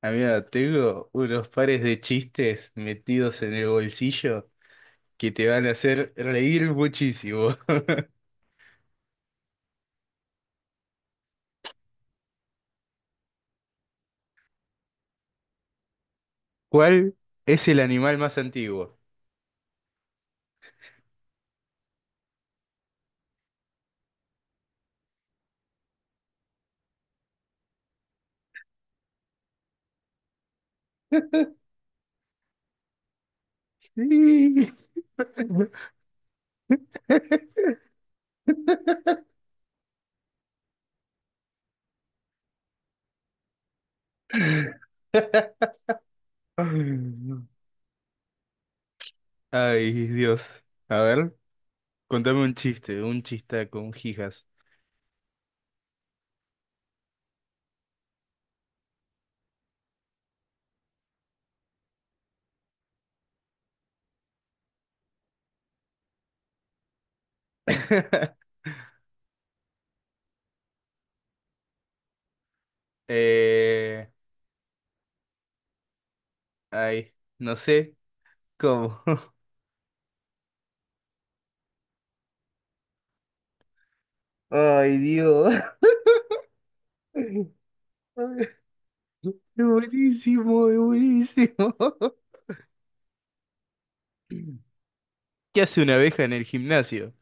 Amigo, tengo unos pares de chistes metidos en el bolsillo que te van a hacer reír muchísimo. ¿Cuál es el animal más antiguo? Sí. Ay, Dios. A ver, contame un chiste, un chista con jijas. Eh, ay, no sé cómo. Ay, Dios. Es buenísimo, es buenísimo. ¿Qué hace una abeja en el gimnasio?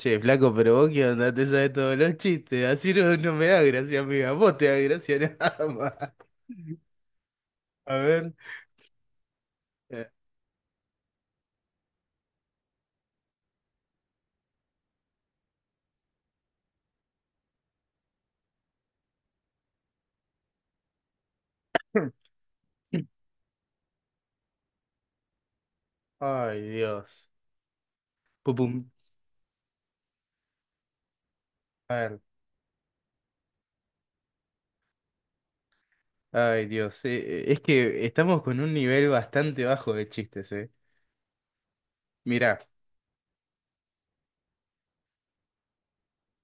Che, flaco, pero vos qué onda, te sabes todos los chistes. Así no, no me da gracia, amiga. Vos te da gracia nada más. A ver. eh, Ay, Dios. Pum, pum. A ver. Ay, Dios. Es que estamos con un nivel bastante bajo de chistes, ¿eh? Mirá,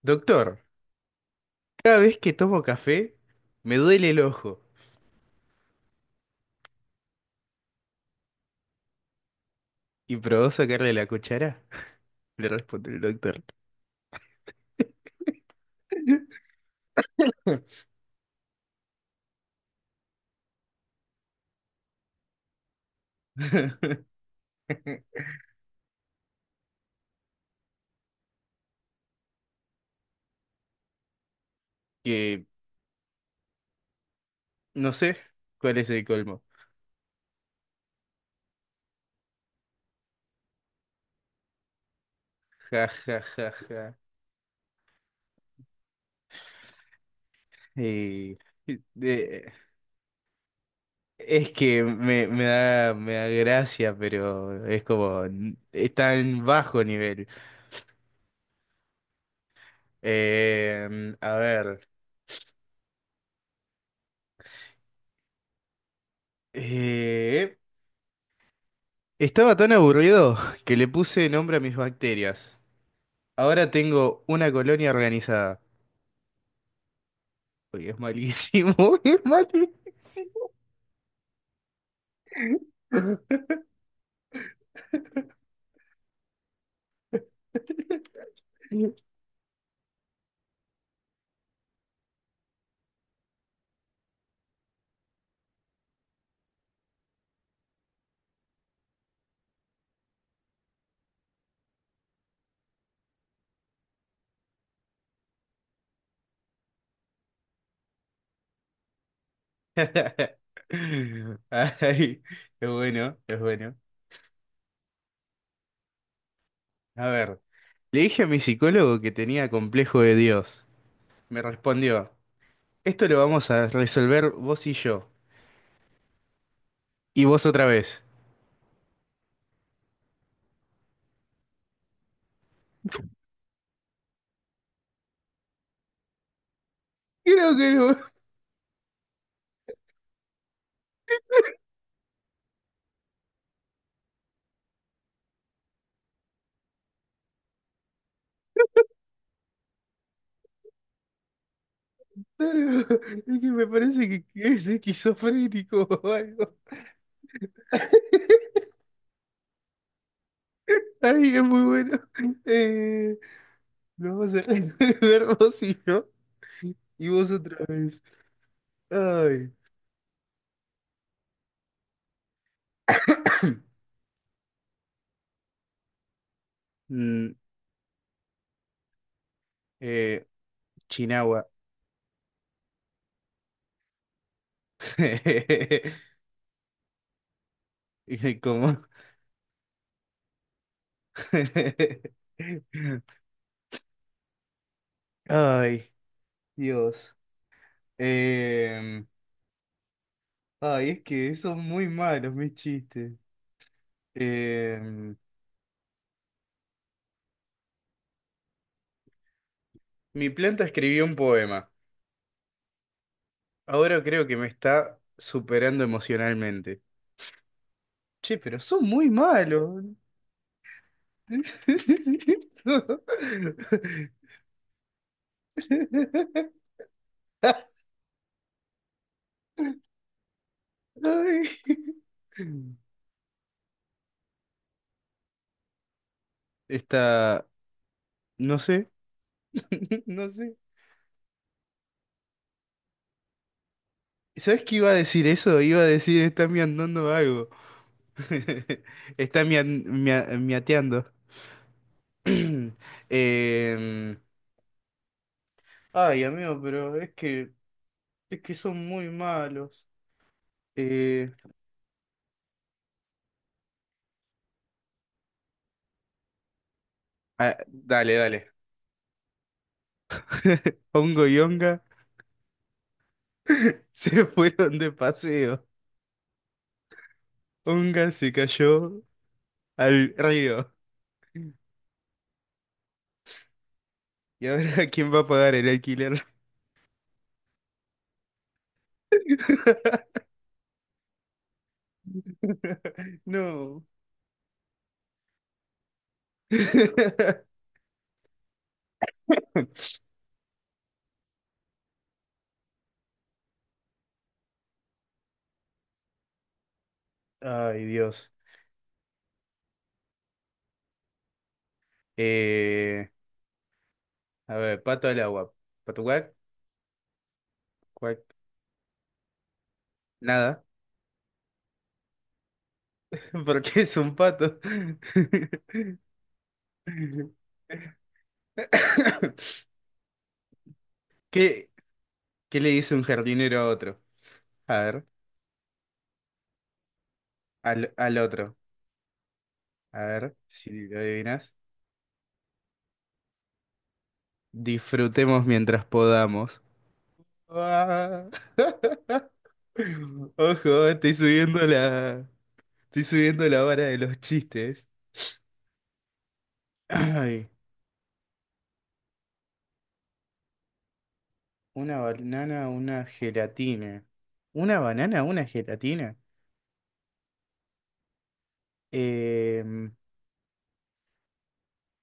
doctor, cada vez que tomo café, me duele el ojo. ¿Y probó sacarle la cuchara? Le responde el doctor. Que no sé cuál es el colmo. Ja, ja, ja, ja. Eh, de- es que me da gracia, pero es como, es tan bajo nivel. A ver. Eh, estaba tan aburrido que le puse nombre a mis bacterias. Ahora tengo una colonia organizada. Uy, es malísimo, es malísimo. Ay, es bueno, es bueno. A ver. Le dije a mi psicólogo que tenía complejo de Dios. Me respondió, esto lo vamos a resolver vos y yo. Y vos otra vez. Creo que no. Claro, es que me parece que es esquizofrénico o algo. Ay, es muy bueno. Eh, lo vamos a resolver vos y yo. Y vos otra vez. Ay. Mm, eh, Chinagua. Y como... Ay. Dios. Em, ay, es que son muy malos mis chistes. Em, mi planta escribió un poema. Ahora creo que me está superando emocionalmente. Che, pero son muy malos. Está, no sé, no sé. ¿Sabes qué iba a decir eso? Iba a decir, está miandando algo. Está miateando. Em, ay, amigo, es que son muy malos. Eh, ah, dale, dale. Hongo y Onga se fueron de paseo. Onga se cayó al río. ¿Y ahora quién va a pagar el alquiler? No. Ay, Dios. Eh, a ver, pato al agua. ¿Pato cuac? Cuac. Nada, porque es un pato. ¿Qué, ¿qué le dice un jardinero a otro? A ver, al otro. A ver, si lo adivinas. Disfrutemos mientras podamos. Ah. Ojo, estoy subiendo la vara de los chistes. Ay, una banana, una gelatina. ¿Una banana, una gelatina? Em,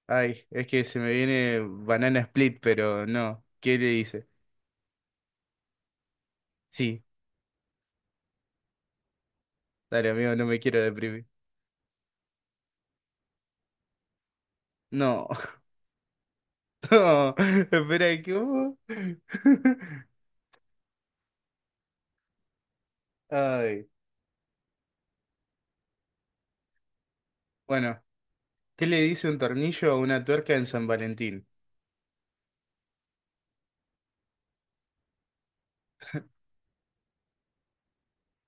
ay, es que se me viene banana split, pero no. ¿Qué le dice? Sí. Dale, amigo, no me quiero deprimir. No, no, espera, ¿cómo? Ay, bueno, ¿qué le dice un tornillo a una tuerca en San Valentín?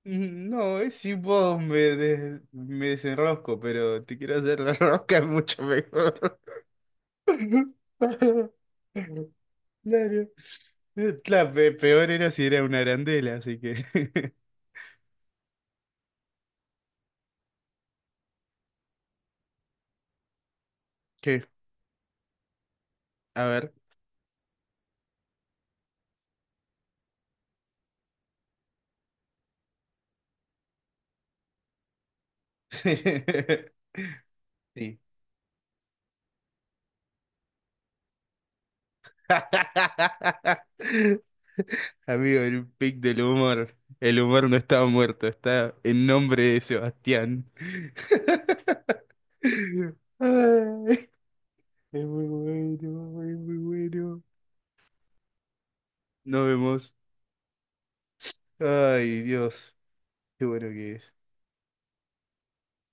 Mm, no, es si vos me desenrosco, pero te quiero hacer la rosca es mucho mejor. Claro. La peor era si era una arandela, así que. ¿Qué? A ver. Sí. Amigo, el pic del humor. El humor no está muerto, está en nombre de Sebastián. Ay, es muy bueno, es muy bueno. Nos vemos. Ay, Dios, qué bueno que es.